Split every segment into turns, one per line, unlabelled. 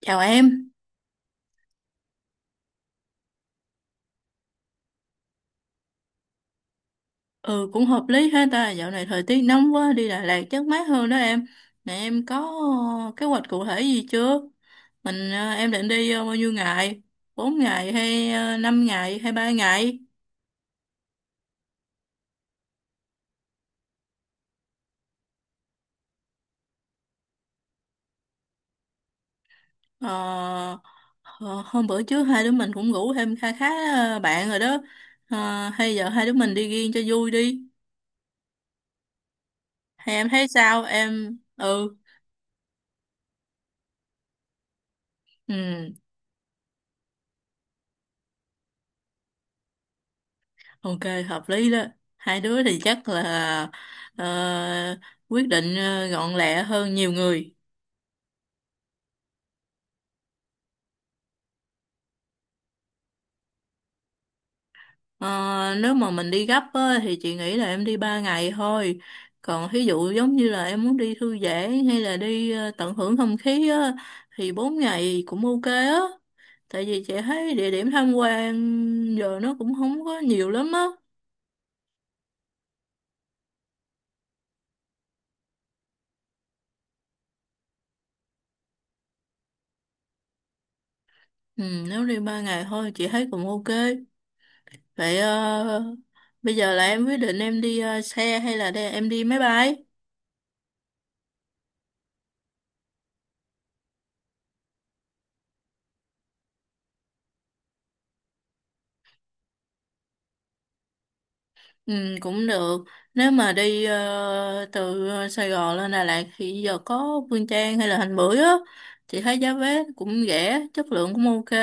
Chào em. Ừ, cũng hợp lý ha ta, dạo này thời tiết nóng quá, đi Đà Lạt chắc mát hơn đó em. Nè em có kế hoạch cụ thể gì chưa? Em định đi bao nhiêu ngày? Bốn ngày hay 5 ngày hay ba ngày? Ờ, ờ, Hôm bữa trước hai đứa mình cũng ngủ thêm kha khá bạn rồi đó. Hay giờ hai đứa mình đi riêng cho vui đi. Hay em thấy sao? Ừ Ok, hợp lý đó. Hai đứa thì chắc là ờ, quyết định gọn lẹ hơn nhiều người. Ờ, Nếu mà mình đi gấp á, thì chị nghĩ là em đi 3 ngày thôi. Còn ví dụ giống như là em muốn đi thư giãn hay là đi tận hưởng không khí á, thì 4 ngày cũng ok á. Tại vì chị thấy địa điểm tham quan giờ nó cũng không có nhiều lắm á. Ừ, nếu đi 3 ngày thôi chị thấy cũng ok. Vậy bây giờ là em quyết định em đi xe hay là đây em đi máy bay? Ừ, cũng được. Nếu mà đi từ Sài Gòn lên Đà Lạt thì giờ có Phương Trang hay là Thành Bưởi á, chị thấy giá vé cũng rẻ, chất lượng cũng ok.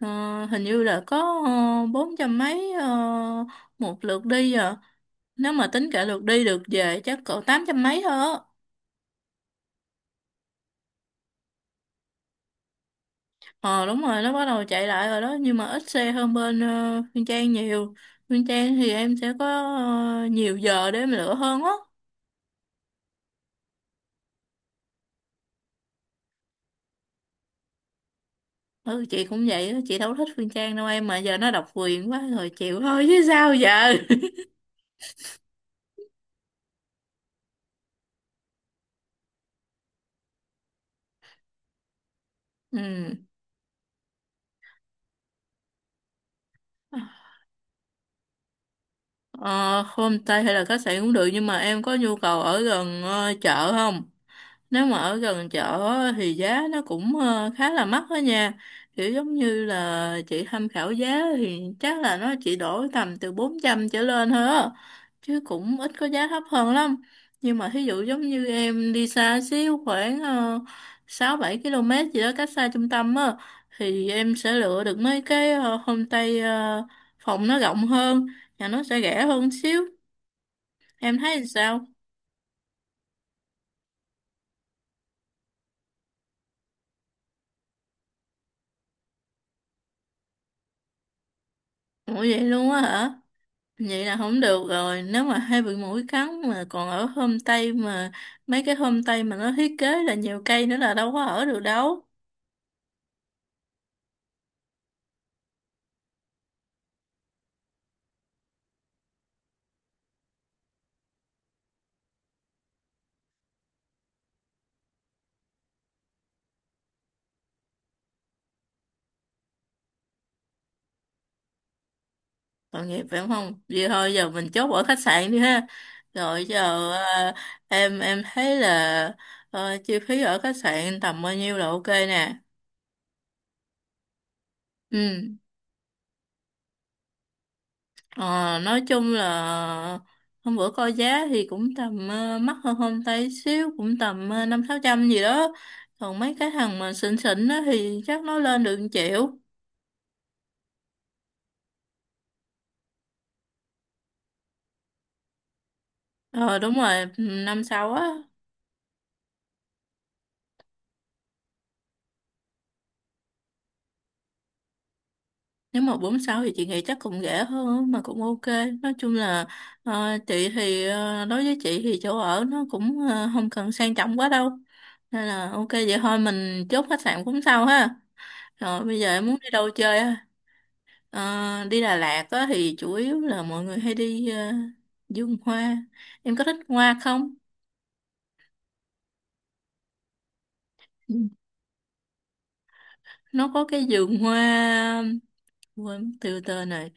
Ờ, Hình như là có bốn trăm mấy một lượt đi à. Nếu mà tính cả lượt đi lượt về chắc cỡ tám trăm mấy thôi á. Ờ đúng rồi, nó bắt đầu chạy lại rồi đó, nhưng mà ít xe hơn bên Nguyên Trang nhiều. Nguyên Trang thì em sẽ có nhiều giờ để em lựa hơn á. Ừ chị cũng vậy á, chị đâu thích Nguyên Trang đâu em, mà giờ nó độc quyền quá rồi chịu thôi chứ sao giờ. Ừ. ờ, Homestay hay là khách sạn cũng được, nhưng mà em có nhu cầu ở gần chợ không? Nếu mà ở gần chợ á, thì giá nó cũng khá là mắc đó nha. Kiểu giống như là chị tham khảo giá thì chắc là nó chỉ đổi tầm từ 400 trở lên thôi á. Chứ cũng ít có giá thấp hơn lắm. Nhưng mà thí dụ giống như em đi xa xíu khoảng 6-7 km gì đó cách xa trung tâm á, thì em sẽ lựa được mấy cái homestay phòng nó rộng hơn và nó sẽ rẻ hơn xíu. Em thấy sao? Ủa vậy luôn á hả? Vậy là không được rồi, nếu mà hay bị muỗi cắn mà còn ở homestay, mà mấy cái homestay mà nó thiết kế là nhiều cây nữa là đâu có ở được đâu. Tội nghiệp phải không? Vậy thôi giờ mình chốt ở khách sạn đi ha. Rồi giờ em thấy là chi phí ở khách sạn tầm bao nhiêu là ok nè. Ừ. Ờ, nói chung là hôm bữa coi giá thì cũng tầm mắc hơn hôm tay xíu, cũng tầm năm sáu trăm gì đó, còn mấy cái thằng mà xịn xịn á thì chắc nó lên được 1 triệu. Ờ đúng rồi, năm sau á. Nếu mà bốn sáu thì chị nghĩ chắc cũng rẻ hơn mà cũng ok. Nói chung là chị thì đối với chị thì chỗ ở nó cũng không cần sang trọng quá đâu, nên là ok vậy thôi, mình chốt khách sạn cũng sau ha. Rồi bây giờ em muốn đi đâu chơi á? Ờ, Đi Đà Lạt á, thì chủ yếu là mọi người hay đi vườn hoa. Em có thích hoa không? Ừ. Nó có cái vườn hoa, quên mất tiêu tên này.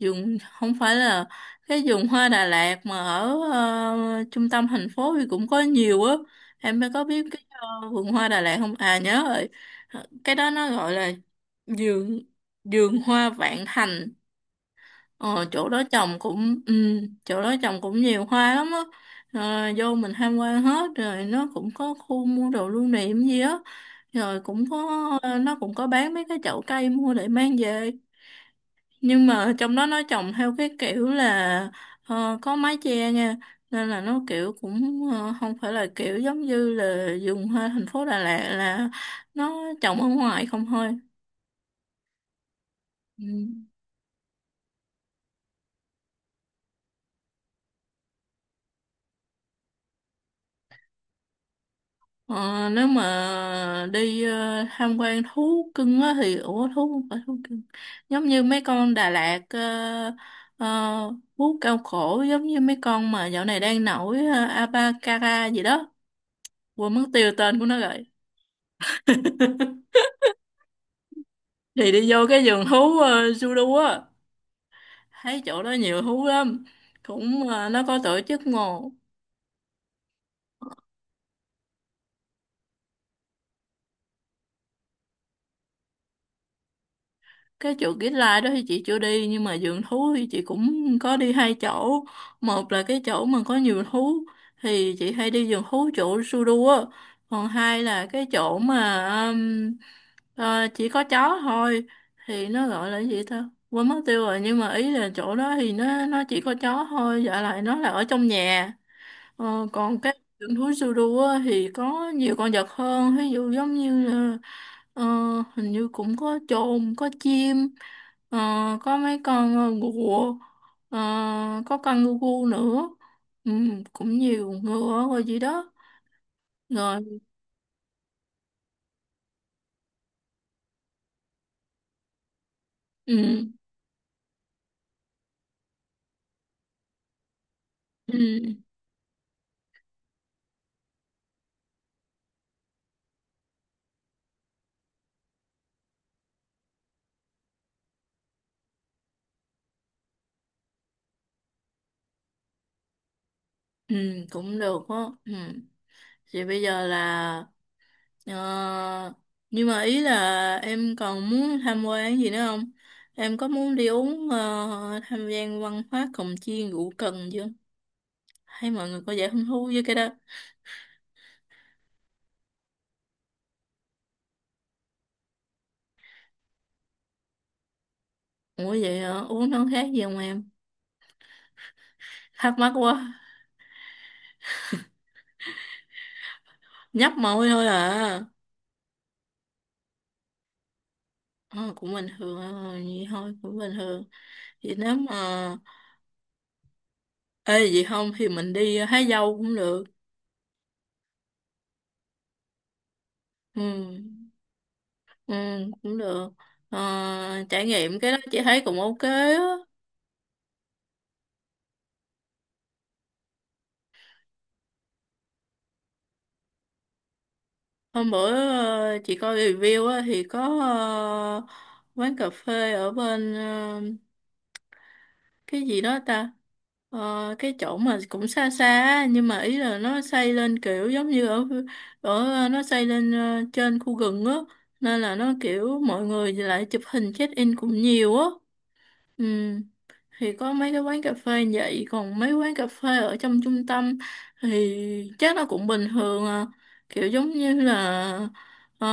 Vườn không phải là cái vườn hoa Đà Lạt, mà ở trung tâm thành phố thì cũng có nhiều á. Em có biết cái vườn hoa Đà Lạt không? À nhớ rồi. Cái đó nó gọi là vườn vườn hoa Vạn Thành. Ờ, chỗ đó trồng cũng nhiều hoa lắm á. Ờ, vô mình tham quan hết rồi nó cũng có khu mua đồ lưu niệm gì á, rồi cũng có, nó cũng có bán mấy cái chậu cây mua để mang về. Nhưng mà trong đó nó trồng theo cái kiểu là có mái che nha, nên là nó kiểu cũng không phải là kiểu giống như là dùng hoa thành phố Đà Lạt là nó trồng ở ngoài không thôi. Ừ. Ờ, nếu mà đi tham quan thú cưng á thì ủa thú không phải thú cưng, giống như mấy con Đà Lạt ờ, thú cao cổ giống như mấy con mà dạo này đang nổi, Abacara gì đó, quên mất tiêu tên của nó rồi, thì đi vô cái vườn thú Sudu á, thấy chỗ đó nhiều thú lắm, cũng nó có tổ chức mà. Cái chỗ Kids Lai đó thì chị chưa đi, nhưng mà vườn thú thì chị cũng có đi hai chỗ. Một là cái chỗ mà có nhiều thú thì chị hay đi vườn thú chỗ Sudu á, còn hai là cái chỗ mà um, chỉ có chó thôi, thì nó gọi là gì ta quên mất tiêu rồi, nhưng mà ý là chỗ đó thì nó chỉ có chó thôi, dạ lại nó là ở trong nhà. Ờ, còn cái vườn thú Sudu á thì có nhiều con vật hơn, ví dụ giống như là, ờ, hình như cũng có chồn, có chim, ờ, có mấy con ngựa, ờ, có con ngu nữa, ừ, cũng nhiều ngựa rồi gì đó. Rồi, ừ, ừ, ừ, cũng được đó. Ừ. Thì bây giờ là, ờ, nhưng mà ý là em còn muốn tham quan gì nữa không? Em có muốn đi uống tham gia văn hóa cồng chiên rượu cần chưa? Hay mọi người có vẻ hứng thú với cái đó? Ủa vậy hả? Uống nó khác gì không em? Thắc mắc quá. Nhấp môi thôi à. Ờ, cũng bình thường thôi, vậy thôi, cũng bình thường. Vậy nếu mà... Ê, vậy không thì mình đi hái dâu cũng được. Ừ, ừ cũng được. Ờ, trải nghiệm cái đó chị thấy cũng ok á. Hôm bữa chị coi review á, thì có quán cà phê ở bên cái gì đó ta. Ờ, cái chỗ mà cũng xa xa á, nhưng mà ý là nó xây lên kiểu giống như ở ở ờ, nó xây lên trên khu rừng á, nên là nó kiểu mọi người lại chụp hình check in cũng nhiều á. Ừ, thì có mấy cái quán cà phê vậy, còn mấy quán cà phê ở trong trung tâm thì chắc nó cũng bình thường à. Kiểu giống như là, ờ,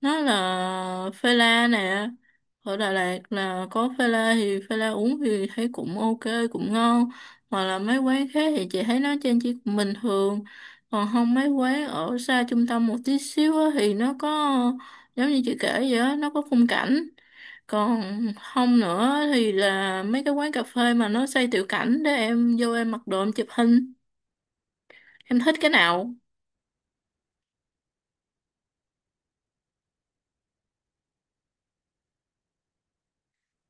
nó là phê la nè, ở Đà Lạt là có phê la, thì phê la uống thì thấy cũng ok, cũng ngon. Hoặc là mấy quán khác thì chị thấy nó trên chỉ cũng bình thường, còn không mấy quán ở xa trung tâm một tí xíu á thì nó có, giống như chị kể vậy á, nó có khung cảnh. Còn không nữa thì là mấy cái quán cà phê mà nó xây tiểu cảnh để em vô em mặc đồ em chụp hình. Em thích cái nào?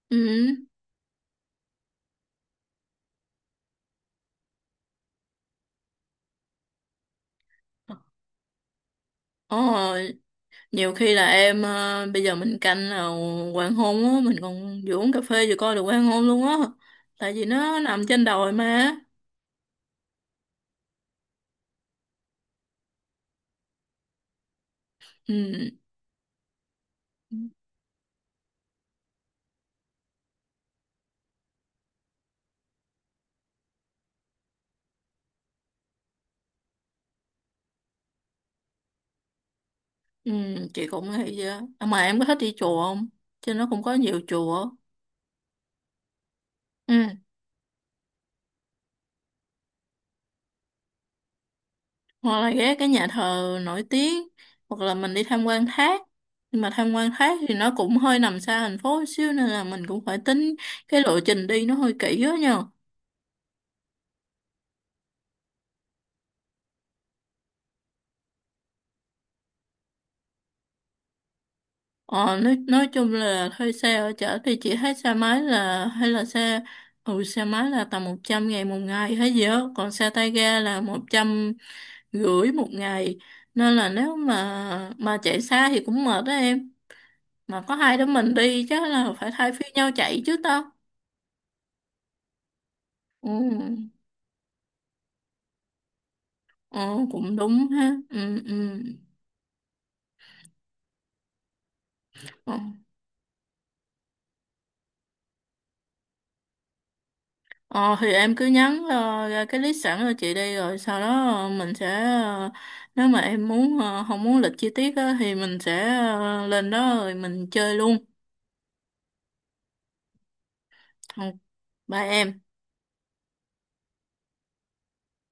Ừ. Ồ, nhiều khi là em bây giờ mình canh là hoàng hôn á, mình còn vừa uống cà phê vừa coi được hoàng hôn luôn á. Tại vì nó nằm trên đồi mà. Ừ. Ừ, chị cũng nghĩ vậy á. À, mà em có thích đi chùa không? Trên nó cũng có nhiều chùa. Ừ. Hoặc là ghé cái nhà thờ nổi tiếng, hoặc là mình đi tham quan thác, nhưng mà tham quan thác thì nó cũng hơi nằm xa thành phố một xíu nên là mình cũng phải tính cái lộ trình đi nó hơi kỹ đó nha. Ờ, nói chung là thuê xe ở chợ thì chỉ thấy xe máy là hay là xe, xe máy là tầm 100.000 một ngày hay gì đó, còn xe tay ga là 150.000 một ngày, nên là nếu mà chạy xa thì cũng mệt đó em, mà có hai đứa mình đi chắc là phải thay phiên nhau chạy chứ tao. Ừ. Ồ, cũng đúng ha. Ừ, ừ. Ờ, ờ, thì em cứ nhắn ra cái list sẵn cho chị đi, rồi sau đó mình sẽ, nếu mà em muốn không muốn lịch chi tiết á, thì mình sẽ lên đó rồi mình chơi luôn. Ừ, bye em.